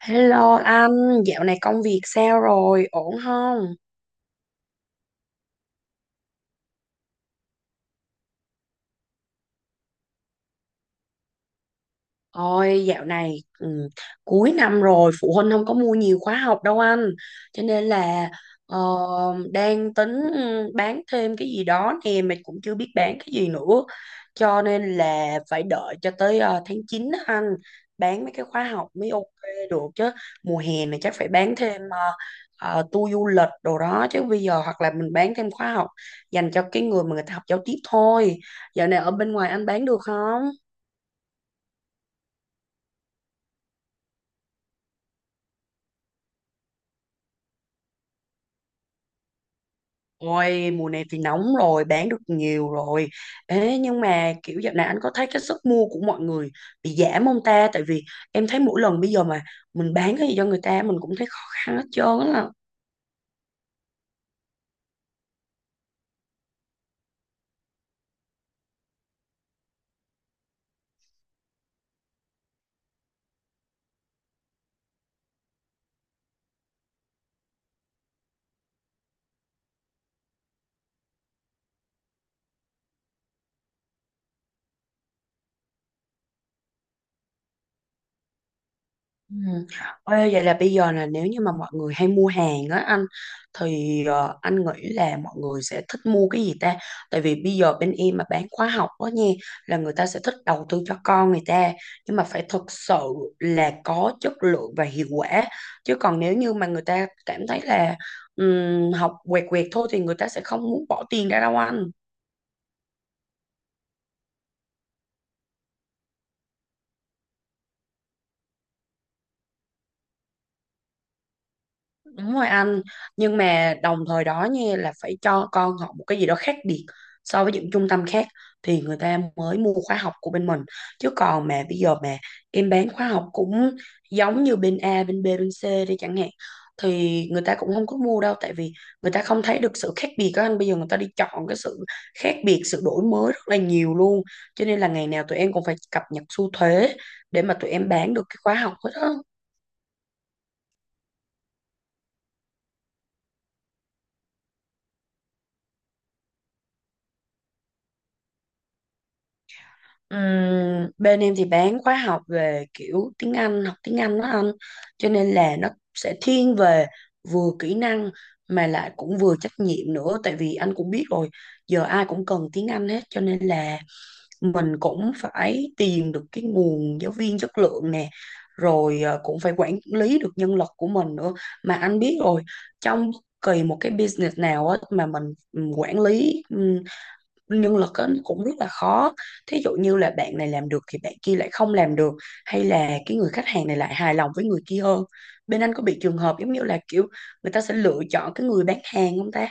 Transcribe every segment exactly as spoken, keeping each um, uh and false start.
Hello anh, dạo này công việc sao rồi, ổn không? Ôi dạo này ừ, cuối năm rồi phụ huynh không có mua nhiều khóa học đâu anh, cho nên là ờ, đang tính ừ, bán thêm cái gì đó nè, mình cũng chưa biết bán cái gì nữa, cho nên là phải đợi cho tới ờ, tháng chín á anh, bán mấy cái khóa học mới ok được chứ. Mùa hè này chắc phải bán thêm uh, tour du lịch đồ đó, chứ bây giờ hoặc là mình bán thêm khóa học dành cho cái người mà người ta học giao tiếp thôi. Dạo này ở bên ngoài anh bán được không? Ôi, mùa này thì nóng rồi, bán được nhiều rồi. Ê, nhưng mà kiểu dạo này anh có thấy cái sức mua của mọi người bị giảm không ta? Tại vì em thấy mỗi lần bây giờ mà mình bán cái gì cho người ta mình cũng thấy khó khăn hết trơn á. Ừ. Ê, vậy là bây giờ là nếu như mà mọi người hay mua hàng á anh, thì ờ, anh nghĩ là mọi người sẽ thích mua cái gì ta? Tại vì bây giờ bên em mà bán khóa học đó nha, là người ta sẽ thích đầu tư cho con người ta, nhưng mà phải thực sự là có chất lượng và hiệu quả. Chứ còn nếu như mà người ta cảm thấy là ừm, học quẹt quẹt thôi thì người ta sẽ không muốn bỏ tiền ra đâu anh. Đúng rồi anh, nhưng mà đồng thời đó nha là phải cho con học một cái gì đó khác biệt so với những trung tâm khác thì người ta mới mua khóa học của bên mình. Chứ còn mà bây giờ mà em bán khóa học cũng giống như bên A, bên B, bên C đi chẳng hạn, thì người ta cũng không có mua đâu, tại vì người ta không thấy được sự khác biệt đó anh. Bây giờ người ta đi chọn cái sự khác biệt, sự đổi mới rất là nhiều luôn. Cho nên là ngày nào tụi em cũng phải cập nhật xu thế để mà tụi em bán được cái khóa học hết á. Ừm, bên em thì bán khóa học về kiểu tiếng Anh, học tiếng Anh đó anh. Cho nên là nó sẽ thiên về vừa kỹ năng mà lại cũng vừa trách nhiệm nữa. Tại vì anh cũng biết rồi, giờ ai cũng cần tiếng Anh hết. Cho nên là mình cũng phải tìm được cái nguồn giáo viên chất lượng nè. Rồi ờ, cũng phải quản lý được nhân lực của mình nữa. Mà anh biết rồi, trong bất kỳ một cái business nào á, mà mình ừ, quản lý nhân lực á, nó cũng rất là khó, thí dụ như là bạn này làm được thì bạn kia lại không làm được, hay là cái người khách hàng này lại hài lòng với người kia hơn. Bên anh có bị trường hợp giống như là kiểu người ta sẽ lựa chọn cái người bán hàng không ta?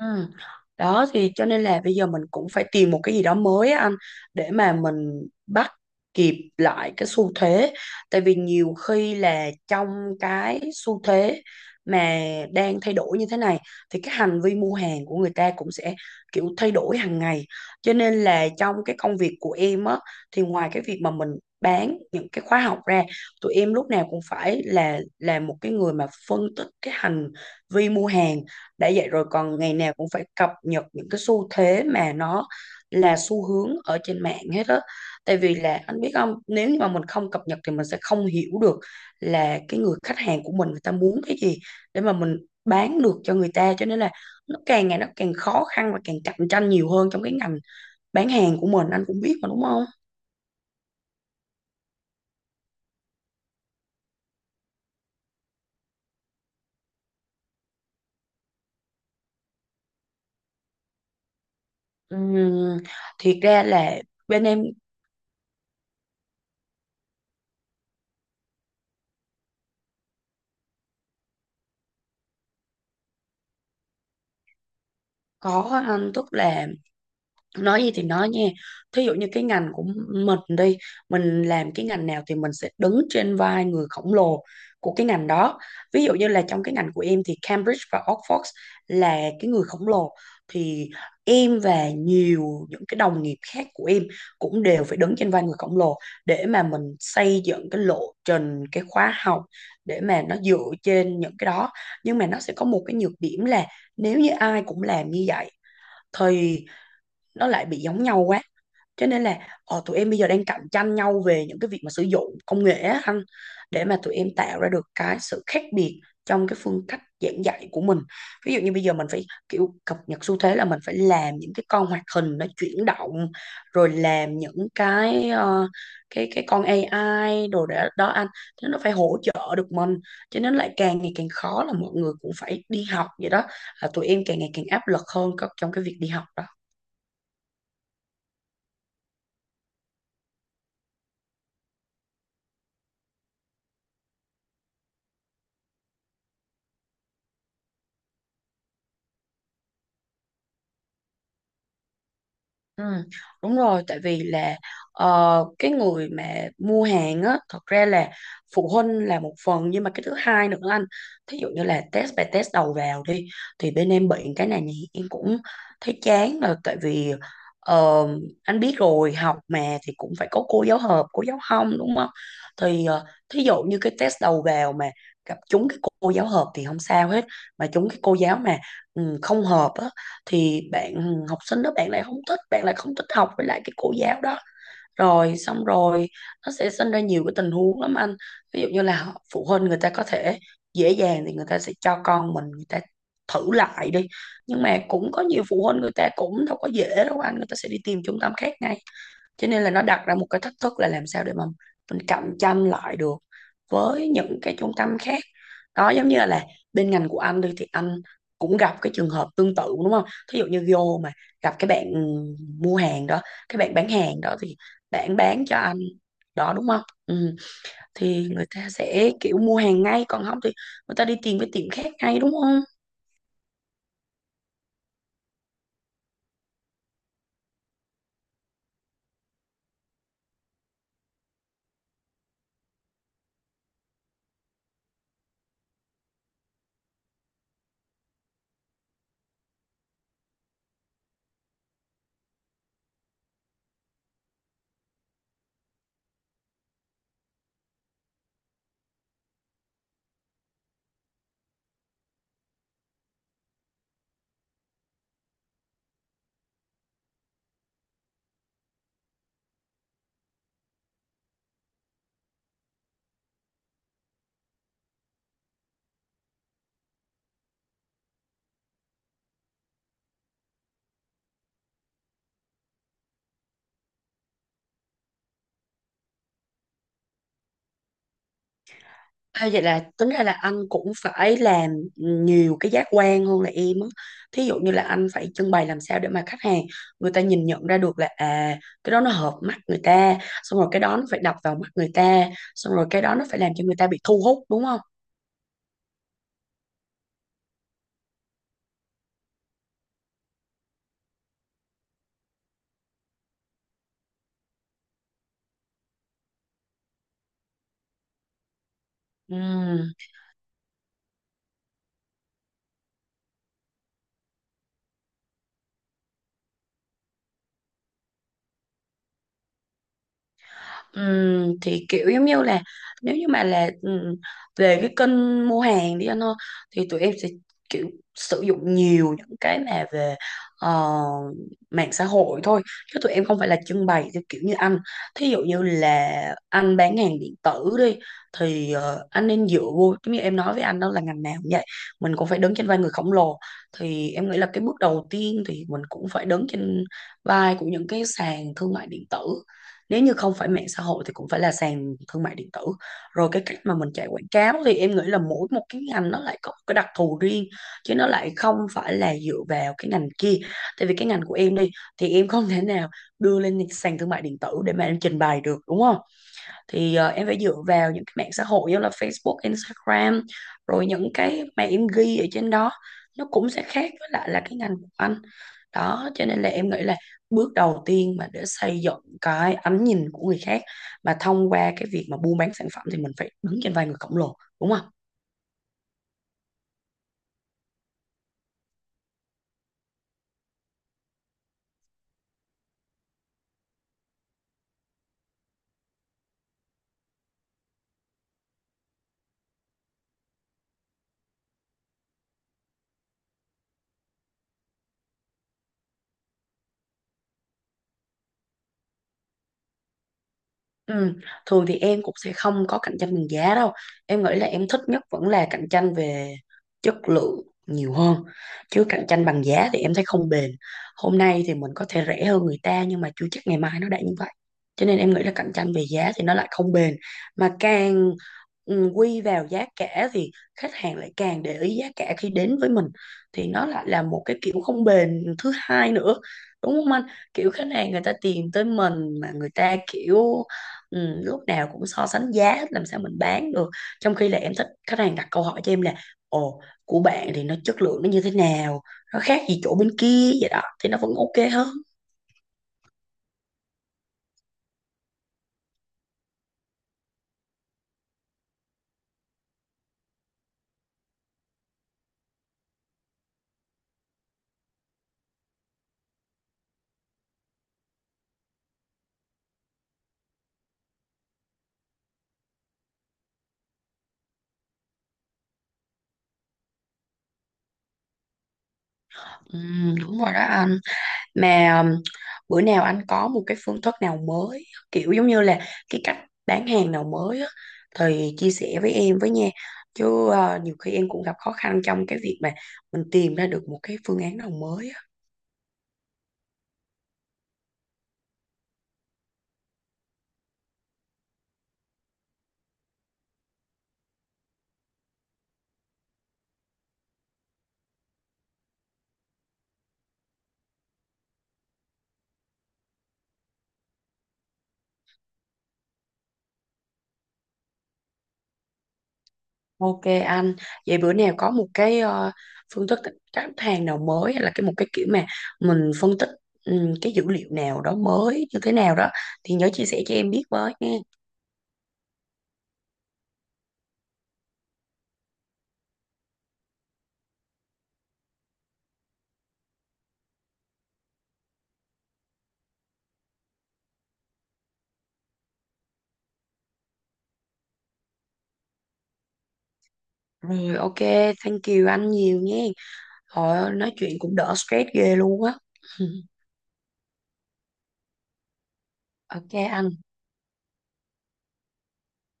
Ừ. Đó thì cho nên là bây giờ mình cũng phải tìm một cái gì đó mới á anh, để mà mình bắt kịp lại cái xu thế, tại vì nhiều khi là trong cái xu thế mà đang thay đổi như thế này thì cái hành vi mua hàng của người ta cũng sẽ kiểu thay đổi hàng ngày. Cho nên là trong cái công việc của em á, thì ngoài cái việc mà mình bán những cái khóa học ra, tụi em lúc nào cũng phải là là một cái người mà phân tích cái hành vi mua hàng. Đã vậy rồi còn ngày nào cũng phải cập nhật những cái xu thế mà nó là xu hướng ở trên mạng hết á, tại vì là anh biết không, nếu như mà mình không cập nhật thì mình sẽ không hiểu được là cái người khách hàng của mình người ta muốn cái gì, để mà mình bán được cho người ta. Cho nên là nó càng ngày nó càng khó khăn và càng cạnh tranh nhiều hơn trong cái ngành bán hàng của mình, anh cũng biết mà đúng không? Ừm, thiệt ra là bên em có anh, tức là nói gì thì nói nha, thí dụ như cái ngành của mình đi, mình làm cái ngành nào thì mình sẽ đứng trên vai người khổng lồ của cái ngành đó. Ví dụ như là trong cái ngành của em thì Cambridge và Oxford là cái người khổng lồ, thì em và nhiều những cái đồng nghiệp khác của em cũng đều phải đứng trên vai người khổng lồ để mà mình xây dựng cái lộ trình cái khóa học, để mà nó dựa trên những cái đó. Nhưng mà nó sẽ có một cái nhược điểm là nếu như ai cũng làm như vậy thì nó lại bị giống nhau quá. Cho nên là ờ, tụi em bây giờ đang cạnh tranh nhau về những cái việc mà sử dụng công nghệ á anh, để mà tụi em tạo ra được cái sự khác biệt trong cái phương cách giảng dạy của mình. Ví dụ như bây giờ mình phải kiểu cập nhật xu thế là mình phải làm những cái con hoạt hình nó chuyển động, rồi làm những cái ờ, cái cái con a i đồ đó, đó anh, thế nó phải hỗ trợ được mình. Cho nên lại càng ngày càng khó, là mọi người cũng phải đi học vậy đó, là tụi em càng ngày càng áp lực hơn có- trong cái việc đi học đó. Ừ, đúng rồi, tại vì là ờ, cái người mà mua hàng á thật ra là phụ huynh là một phần, nhưng mà cái thứ hai nữa anh, thí dụ như là test bài test đầu vào đi, thì bên em bị cái này nhỉ, em cũng thấy chán, là tại vì ờ, anh biết rồi học mà, thì cũng phải có cô giáo hợp cô giáo không đúng không? Thì ờ, thí dụ như cái test đầu vào mà gặp trúng cái cô giáo hợp thì không sao hết, mà trúng cái cô giáo mà ừ, không hợp á, thì bạn ừ, học sinh đó bạn lại không thích, bạn lại không thích học với lại cái cô giáo đó, rồi xong rồi nó sẽ sinh ra nhiều cái tình huống lắm anh. Ví dụ như là phụ huynh người ta có thể dễ dàng thì người ta sẽ cho con mình người ta thử lại đi, nhưng mà cũng có nhiều phụ huynh người ta cũng đâu có dễ đâu anh, người ta sẽ đi tìm trung tâm khác ngay. Cho nên là nó đặt ra một cái thách thức là làm sao để mà mình cạnh tranh lại được với những cái trung tâm khác. Đó giống như là, là bên ngành của anh đi thì anh cũng gặp cái trường hợp tương tự đúng không? Thí dụ như vô mà gặp cái bạn mua hàng đó, cái bạn bán hàng đó thì bạn bán cho anh đó đúng không, ừ. Thì người ta sẽ kiểu mua hàng ngay, còn không thì người ta đi tìm cái tiệm khác ngay đúng không? À, vậy là tính ra là anh cũng phải làm nhiều cái giác quan hơn là em á. Thí dụ như là anh phải trưng bày làm sao để mà khách hàng người ta nhìn nhận ra được là à, cái đó nó hợp mắt người ta, xong rồi cái đó nó phải đập vào mắt người ta, xong rồi cái đó nó phải làm cho người ta bị thu hút đúng không? Ừ. Ừm, thì kiểu giống như là nếu như mà là ừm, về cái kênh mua hàng đi anh ơi, thì tụi em sẽ kiểu sử dụng nhiều những cái mà về ờ, mạng xã hội thôi, chứ tụi em không phải là trưng bày theo kiểu như anh. Thí dụ như là anh bán hàng điện tử đi, thì ờ, anh nên dựa vô giống như em nói với anh đó, là ngành nào cũng vậy, mình cũng phải đứng trên vai người khổng lồ. Thì em nghĩ là cái bước đầu tiên thì mình cũng phải đứng trên vai của những cái sàn thương mại điện tử, nếu như không phải mạng xã hội thì cũng phải là sàn thương mại điện tử. Rồi cái cách mà mình chạy quảng cáo thì em nghĩ là mỗi một cái ngành nó lại có một cái đặc thù riêng, chứ nó lại không phải là dựa vào cái ngành kia. Tại vì cái ngành của em đi thì em không thể nào đưa lên sàn thương mại điện tử để mà em trình bày được đúng không? Thì ờ, em phải dựa vào những cái mạng xã hội như là Facebook, Instagram, rồi những cái mà em ghi ở trên đó nó cũng sẽ khác với lại là cái ngành của anh. Đó cho nên là em nghĩ là bước đầu tiên mà để xây dựng cái ánh nhìn của người khác mà thông qua cái việc mà buôn bán sản phẩm thì mình phải đứng trên vai người khổng lồ đúng không? Ừ. Thường thì em cũng sẽ không có cạnh tranh bằng giá đâu. Em nghĩ là em thích nhất vẫn là cạnh tranh về chất lượng nhiều hơn. Chứ cạnh tranh bằng giá thì em thấy không bền. Hôm nay thì mình có thể rẻ hơn người ta nhưng mà chưa chắc ngày mai nó đã như vậy. Cho nên em nghĩ là cạnh tranh về giá thì nó lại không bền. Mà càng ừ, quy vào giá cả thì khách hàng lại càng để ý giá cả khi đến với mình. Thì nó lại là một cái kiểu không bền thứ hai nữa. Đúng không anh? Kiểu khách hàng người ta tìm tới mình mà người ta kiểu ừ, lúc nào cũng so sánh giá hết làm sao mình bán được, trong khi là em thích khách hàng đặt câu hỏi cho em là ồ, của bạn thì nó chất lượng nó như thế nào, nó khác gì chỗ bên kia, vậy đó thì nó vẫn ok hơn. Ừ, đúng rồi đó anh, mà um, bữa nào anh có một cái phương thức nào mới, kiểu giống như là cái cách bán hàng nào mới á, thì chia sẻ với em với nha, chứ ờ, nhiều khi em cũng gặp khó khăn trong cái việc mà mình tìm ra được một cái phương án nào mới á. Ok anh, vậy bữa nào có một cái ờ, phương thức khách hàng nào mới, hay là cái một cái kiểu mà mình phân tích ừm, cái dữ liệu nào đó mới như thế nào đó, thì nhớ chia sẻ cho em biết với nha. Rồi ok, thank you anh nhiều nha. Thôi nói chuyện cũng đỡ stress ghê luôn á. Ok anh.